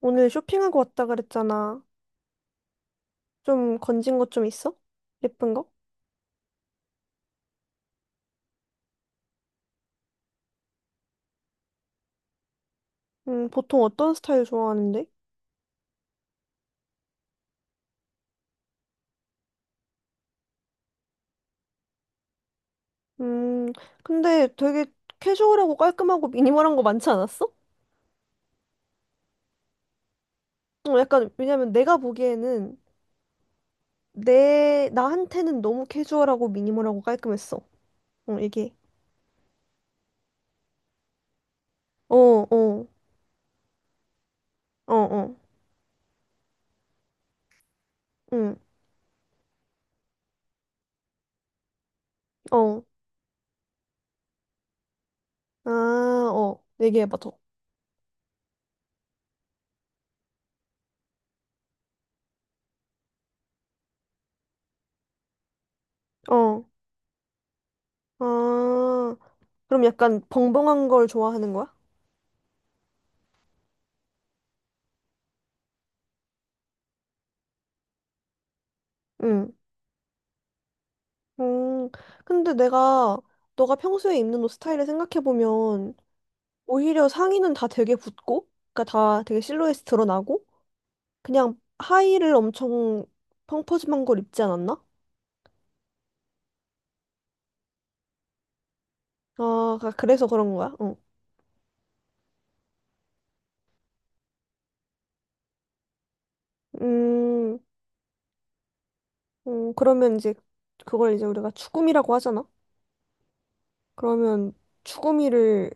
오늘 쇼핑하고 왔다 그랬잖아. 좀 건진 것 좀 있어? 예쁜 거? 보통 어떤 스타일 좋아하는데? 음, 근데 되게 캐주얼하고 깔끔하고 미니멀한 거 많지 않았어? 어, 약간, 왜냐면 내가 보기에는 나한테는 너무 캐주얼하고 미니멀하고 깔끔했어. 어, 이게. 어, 어, 어, 어, 응, 어. 아, 어. 얘기해봐, 더. 어. 아, 그럼 약간 벙벙한 걸 좋아하는 거야? 응. 음, 근데 내가, 너가 평소에 입는 옷 스타일을 생각해보면, 오히려 상의는 다 되게 붙고, 그니까 다 되게 실루엣이 드러나고, 그냥 하의를 엄청 펑퍼짐한 걸 입지 않았나? 아, 그래서 그런 거야. 응. 음, 그러면 이제, 그걸 이제 우리가 추구미라고 하잖아? 그러면 추구미를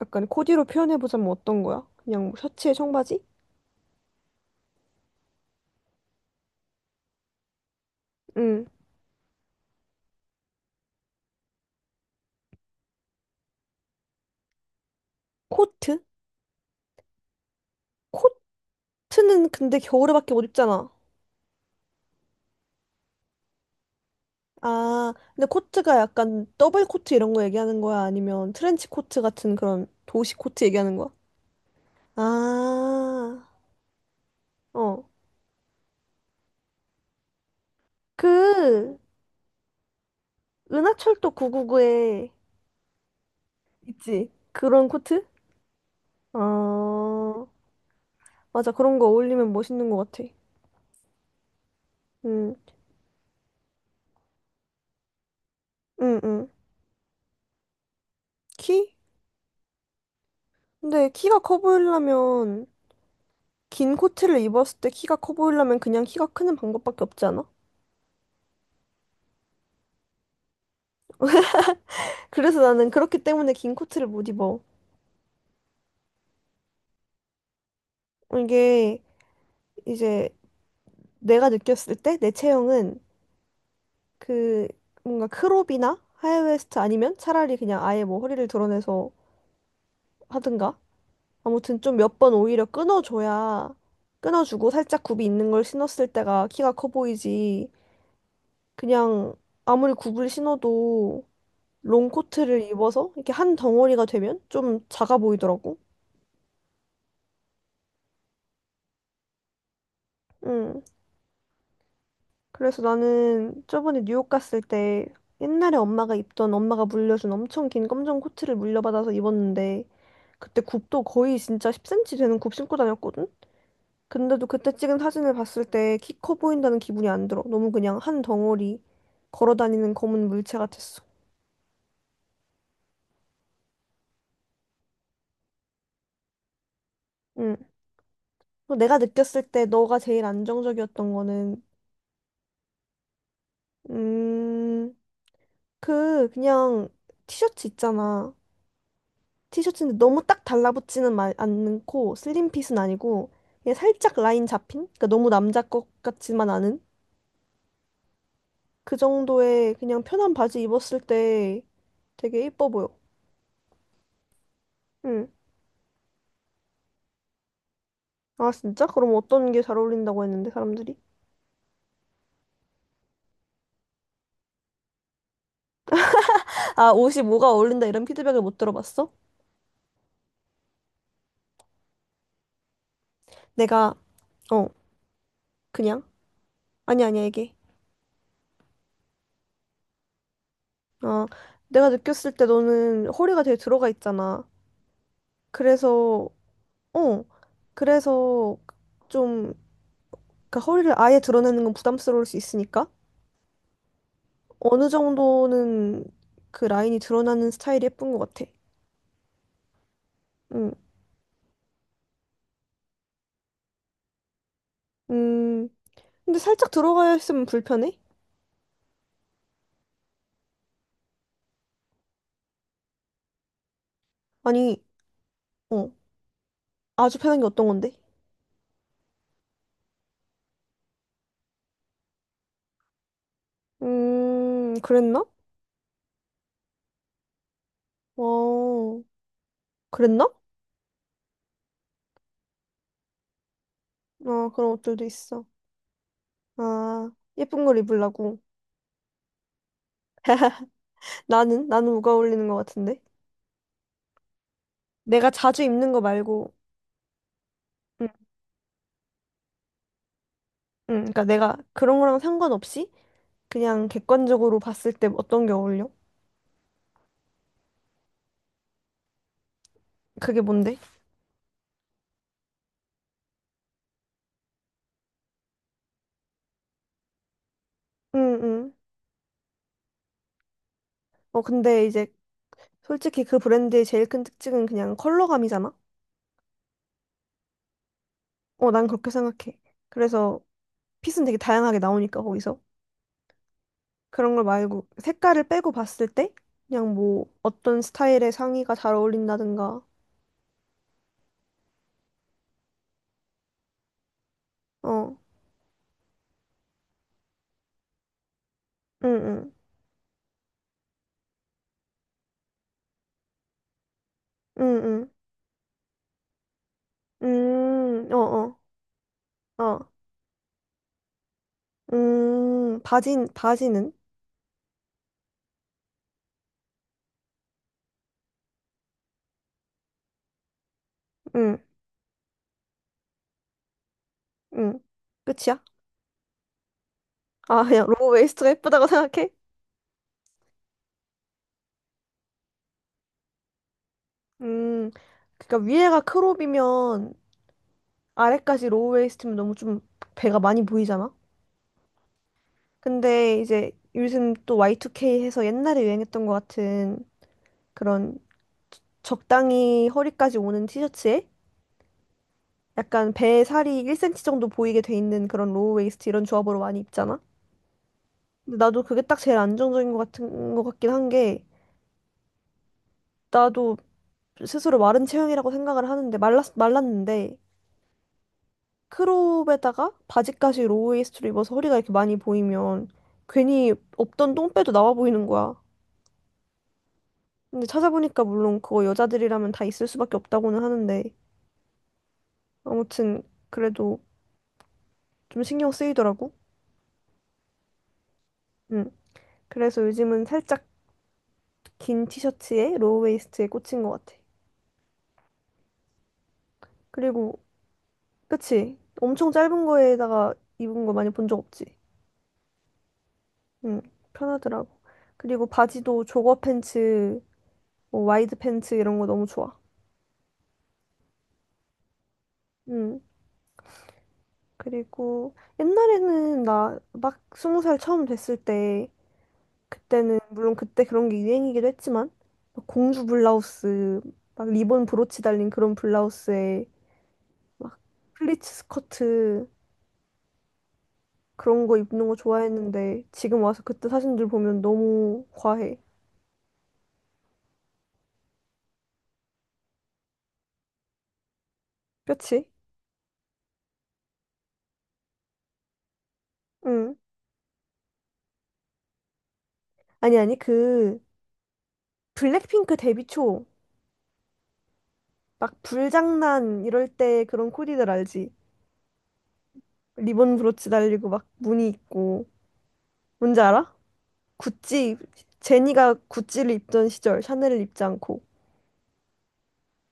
약간 코디로 표현해보자면 어떤 거야? 그냥 뭐 셔츠에 청바지? 응. 코트? 코트는 근데 겨울에밖에 못 입잖아. 아, 근데 코트가 약간 더블 코트 이런 거 얘기하는 거야? 아니면 트렌치 코트 같은 그런 도시 코트 얘기하는 거야? 아, 어. 그, 은하철도 999에 있지? 그런 코트? 어, 맞아. 그런 거 어울리면 멋있는 것 같아. 응, 응, 응. 키? 근데 키가 커 보이려면, 긴 코트를 입었을 때 키가 커 보이려면 그냥 키가 크는 방법밖에 없지 않아? 그래서 나는 그렇기 때문에 긴 코트를 못 입어. 이게, 이제 내가 느꼈을 때 내 체형은 그 뭔가 크롭이나 하이웨스트 아니면 차라리 그냥 아예 뭐 허리를 드러내서 하든가 아무튼 좀 몇 번 오히려 끊어줘야 끊어주고 살짝 굽이 있는 걸 신었을 때가 키가 커 보이지 그냥 아무리 굽을 신어도 롱코트를 입어서 이렇게 한 덩어리가 되면 좀 작아 보이더라고. 응. 그래서 나는 저번에 뉴욕 갔을 때 옛날에 엄마가 입던 엄마가 물려준 엄청 긴 검정 코트를 물려받아서 입었는데 그때 굽도 거의 진짜 10cm 되는 굽 신고 다녔거든? 근데도 그때 찍은 사진을 봤을 때 키 커 보인다는 기분이 안 들어. 너무 그냥 한 덩어리 걸어 다니는 검은 물체 같았어. 응. 또 내가 느꼈을 때 너가 제일 안정적이었던 거는 음, 그냥 티셔츠 있잖아. 티셔츠인데 너무 딱 달라붙지는 않고 슬림핏은 아니고 그냥 살짝 라인 잡힌? 그러니까 너무 남자 것 같지만 않은 그 정도의 그냥 편한 바지 입었을 때 되게 예뻐 보여. 응. 아 진짜? 그럼 어떤 게 잘 어울린다고 했는데 사람들이? 아 옷이 뭐가 어울린다 이런 피드백을 못 들어봤어? 내가 어 그냥 아니 아니야 이게. 어 내가 느꼈을 때 너는 허리가 되게 들어가 있잖아. 그래서 어 그래서 좀 그 허리를 아예 드러내는 건 부담스러울 수 있으니까 어느 정도는 그 라인이 드러나는 스타일이 예쁜 것 같아. 음, 음, 근데 살짝 들어가 있으면 불편해? 아니, 어, 아주 편한 게 어떤 건데? 그랬나? 어, 그랬나? 어, 그런 옷들도 있어. 아, 예쁜 걸 입으려고. 나는 뭐가 어울리는 것 같은데? 내가 자주 입는 거 말고, 응 응. 그러니까 내가 그런 거랑 상관없이 그냥 객관적으로 봤을 때 어떤 게 어울려? 그게 뭔데? 응, 응. 어, 근데 이제 솔직히 그 브랜드의 제일 큰 특징은 그냥 컬러감이잖아? 어, 난 그렇게 생각해. 그래서 핏은 되게 다양하게 나오니까, 거기서. 그런 걸 말고 색깔을 빼고 봤을 때 그냥 뭐 어떤 스타일의 상의가 잘 어울린다든가. 어, 응, 응, 응, 응. 어, 어, 어. 바지는? 응, 응. 끝이야? 아, 그냥 로우 웨이스트가 예쁘다고 생각해? 음, 그러니까 위에가 크롭이면 아래까지 로우 웨이스트면 너무 좀 배가 많이 보이잖아? 근데 이제 요즘 또 Y2K 해서 옛날에 유행했던 것 같은 그런 적당히 허리까지 오는 티셔츠에 약간 배 살이 1cm 정도 보이게 돼 있는 그런 로우 웨이스트 이런 조합으로 많이 입잖아? 근데 나도 그게 딱 제일 안정적인 것 같은 것 같긴 한 게 나도 스스로 마른 체형이라고 생각을 하는데 말랐는데 크롭에다가 바지까지 로우 웨이스트로 입어서 허리가 이렇게 많이 보이면 괜히 없던 똥배도 나와 보이는 거야. 근데 찾아보니까 물론 그거 여자들이라면 다 있을 수밖에 없다고는 하는데 아무튼 그래도 좀 신경 쓰이더라고. 응. 그래서 요즘은 살짝 긴 티셔츠에 로우웨이스트에 꽂힌 것 같아. 그리고 그치? 엄청 짧은 거에다가 입은 거 많이 본 적 없지? 응. 편하더라고. 그리고 바지도 조거 팬츠, 뭐 와이드 팬츠 이런 거 너무 좋아. 응. 그리고 옛날에는 나 막 스무 살 처음 됐을 때 그때는 물론 그때 그런 게 유행이기도 했지만 막 공주 블라우스 막 리본 브로치 달린 그런 블라우스에 막 플리츠 스커트 그런 거 입는 거 좋아했는데 지금 와서 그때 사진들 보면 너무 과해 그렇지? 응 아니 그 블랙핑크 데뷔 초 막 불장난 이럴 때 그런 코디들 알지? 리본 브로치 달리고 막 무늬 있고 뭔지 알아? 구찌 제니가 구찌를 입던 시절 샤넬을 입지 않고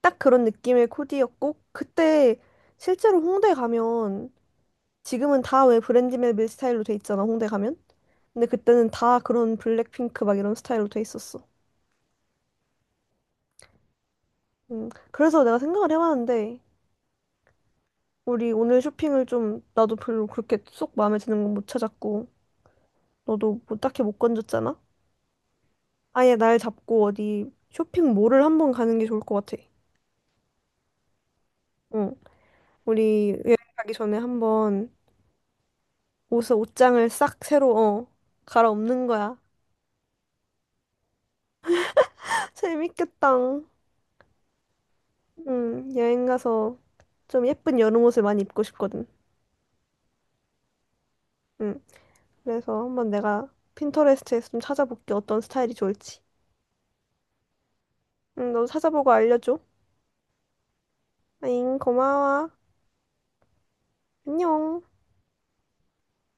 딱 그런 느낌의 코디였고 그때 실제로 홍대 가면 지금은 다 왜 브랜디멜빌 스타일로 돼 있잖아 홍대 가면 근데 그때는 다 그런 블랙핑크 막 이런 스타일로 돼 있었어 그래서 내가 생각을 해봤는데 우리 오늘 쇼핑을 좀 나도 별로 그렇게 쏙 마음에 드는 건 못 찾았고 너도 뭐 딱히 못 건졌잖아 아예 날 잡고 어디 쇼핑몰을 한번 가는 게 좋을 것 같아 응 우리 여행 가기 전에 한번 옷을 옷장을 싹 새로 어 갈아엎는 거야 재밌겠다. 응, 여행 가서 좀 예쁜 여름 옷을 많이 입고 싶거든. 응, 그래서 한번 내가 핀터레스트에서 좀 찾아볼게. 어떤 스타일이 좋을지. 응, 너도 찾아보고 알려줘. 아잉, 고마워. 안녕.